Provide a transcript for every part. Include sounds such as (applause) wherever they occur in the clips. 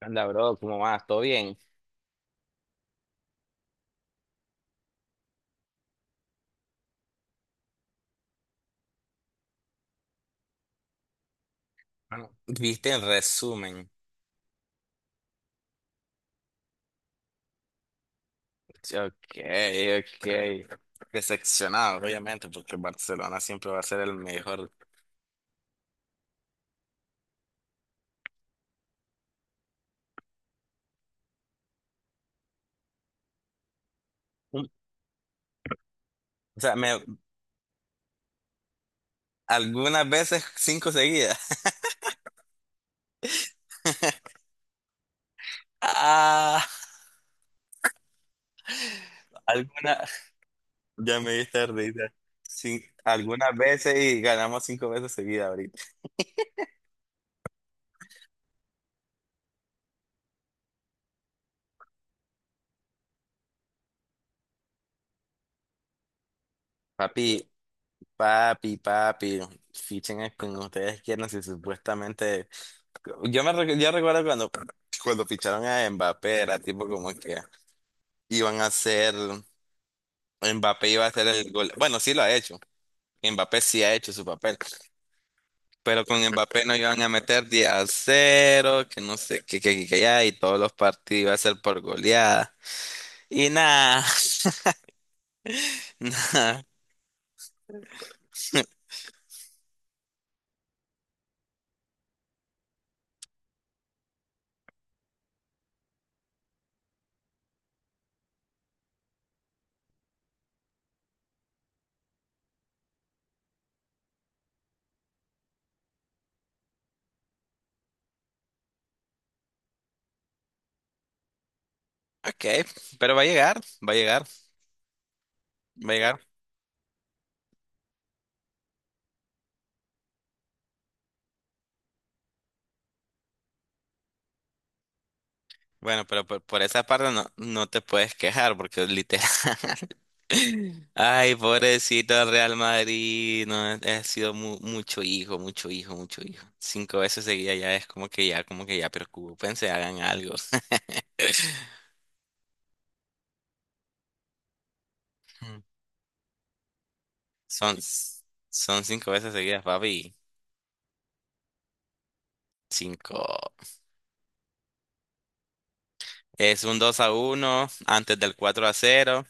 Anda, bro, ¿cómo vas? ¿Todo bien? Bueno, viste el resumen. Ok, ok. Decepcionado, obviamente, porque Barcelona siempre va a ser el mejor. Mm, O sea, algunas veces cinco seguidas. (laughs) Ah, alguna. Ya me diste risa. Sí, algunas veces y ganamos cinco veces seguidas ahorita. Papi, papi, papi. Fichen a quien ustedes quieran si supuestamente. Yo recuerdo cuando ficharon a Mbappé, era tipo como que iban a ser, Mbappé iba a hacer el gol. Bueno, sí lo ha hecho. Mbappé sí ha hecho su papel. Pero con Mbappé no iban a meter 10 a cero que no sé, que ya, y todos los partidos iba a ser por goleada. Y nada, (laughs) nada. Ok, pero va a llegar, va a llegar, va a llegar. Bueno, pero por esa parte no te puedes quejar porque literal. (laughs) Ay, pobrecito del Real Madrid. No, ha sido mucho hijo, mucho hijo, mucho hijo. Cinco veces seguida ya es como que ya preocúpense, hagan algo. (laughs) Mm. Son, son cinco veces seguidas, papi. Cinco. Es un 2 a uno antes del 4 a cero.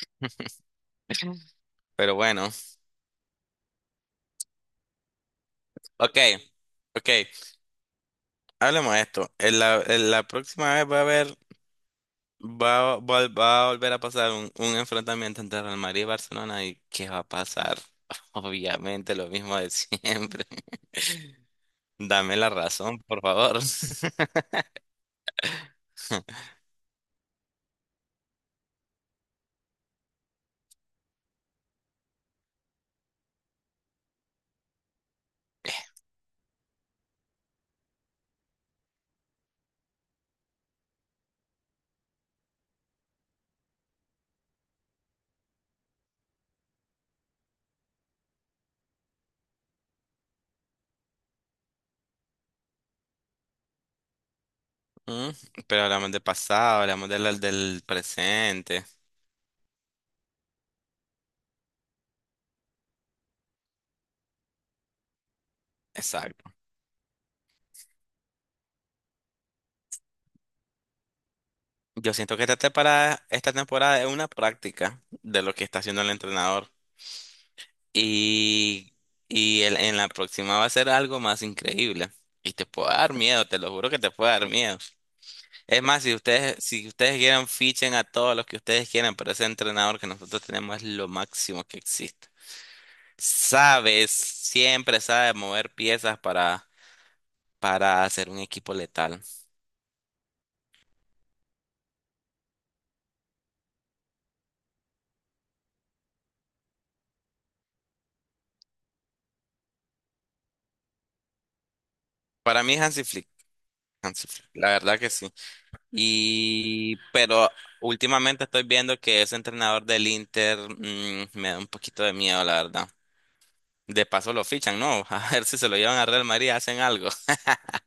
(laughs) Pero bueno, ok, ok, hablemos de esto. En la próxima vez va a haber. Va a volver a pasar un enfrentamiento entre Real Madrid y Barcelona, ¿y qué va a pasar? (laughs) Obviamente lo mismo de siempre. (laughs) Dame la razón, por favor. (laughs) Mm, pero hablamos del pasado, hablamos del presente. Exacto. Yo siento que esta temporada es una práctica de lo que está haciendo el entrenador. Y, y en la próxima va a ser algo más increíble. Y te puede dar miedo, te lo juro que te puede dar miedo. Es más, si ustedes, si ustedes quieren, fichen a todos los que ustedes quieran, pero ese entrenador que nosotros tenemos es lo máximo que existe. Sabe, siempre sabe mover piezas para hacer un equipo letal. Para mí Hansi Flick, Hansi Flick, la verdad que sí. Y, pero últimamente estoy viendo que ese entrenador del Inter, mm, me da un poquito de miedo, la verdad. De paso lo fichan, ¿no? (laughs) A ver si se lo llevan a Real Madrid, hacen algo. (laughs)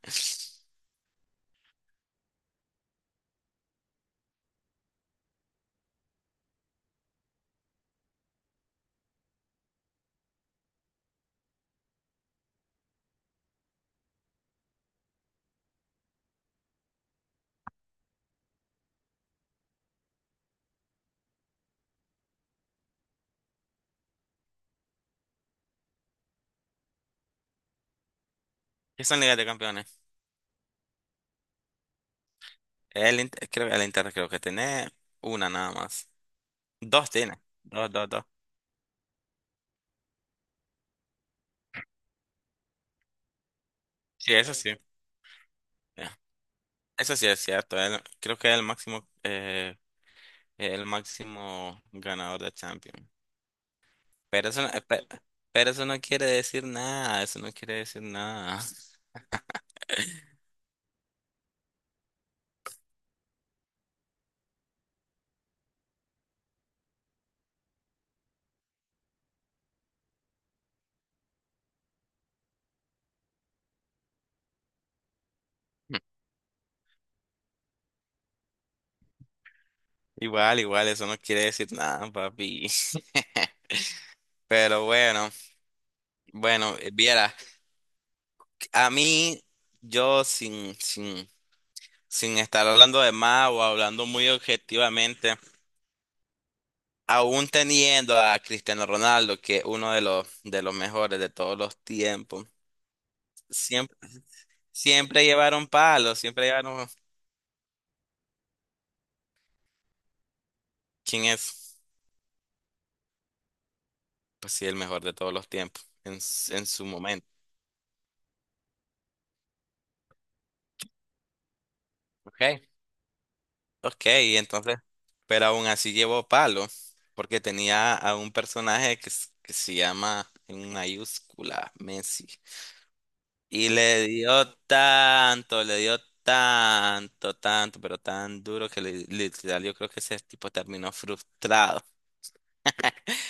¿Qué son Ligas de Campeones? Inter- creo, el Inter creo que tiene una nada más. Dos tiene. Dos, dos, dos. Sí, eso sí. Ya. Eso sí es cierto. Él- creo que es el máximo ganador de Champions. Pero eso, pero eso no quiere decir nada. Eso no quiere decir nada. (laughs) Igual, igual, eso no quiere decir nada, papi. (laughs) Pero bueno, bueno, viera, a mí, yo sin, sin, sin estar hablando de más o hablando muy objetivamente. Aún teniendo a Cristiano Ronaldo, que es uno de los mejores de todos los tiempos, siempre, siempre llevaron palos, siempre llevaron... ¿Quién es? Pues sí, el mejor de todos los tiempos, en su momento. Ok. Ok, y entonces, pero aún así llevó palo, porque tenía a un personaje que se llama en mayúscula Messi. Y le dio tanto, tanto, pero tan duro que le, literal yo creo que ese tipo terminó frustrado. (laughs)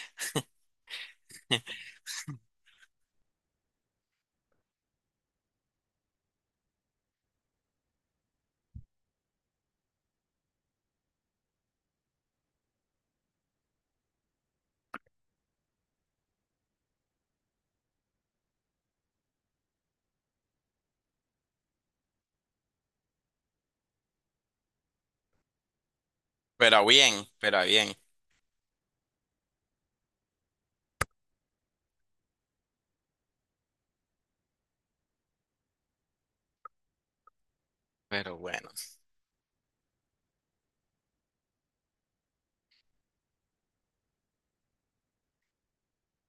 Pero bien, pero bien, pero bueno.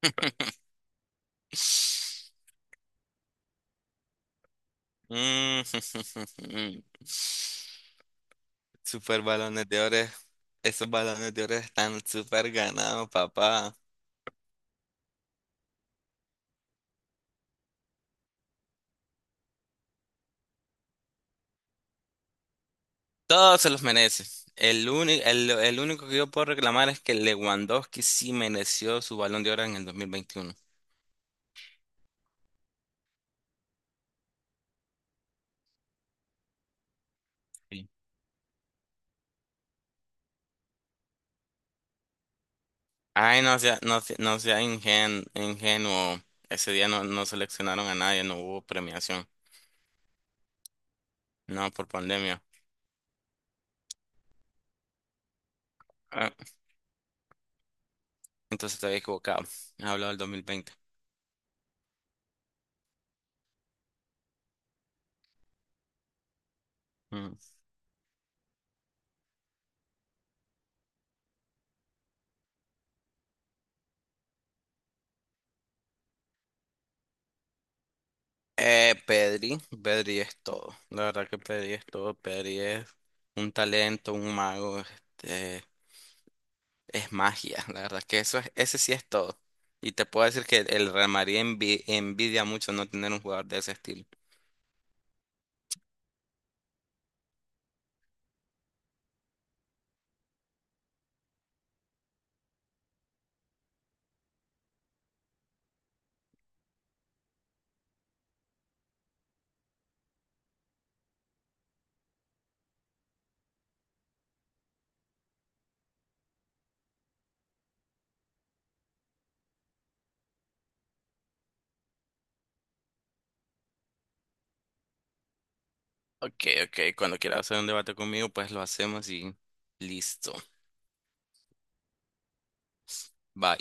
(laughs) Mm, (laughs) super balones de oro. Esos balones de oro están super ganados, papá. Todos se los merece. El único que yo puedo reclamar es que Lewandowski sí mereció su balón de oro en el 2021. Ay, no sea, no sea ingenuo. Ese día no, no seleccionaron a nadie, no hubo premiación. No, por pandemia. Ah, entonces te había equivocado. He hablado del 2020. Mm. Pedri, Pedri es todo. La verdad que Pedri es todo. Pedri es un talento, un mago. Este, es magia. La verdad que eso es, ese sí es todo. Y te puedo decir que el Real Madrid envidia mucho no tener un jugador de ese estilo. Ok, ok, cuando quieras hacer un debate conmigo, pues lo hacemos y listo. Va,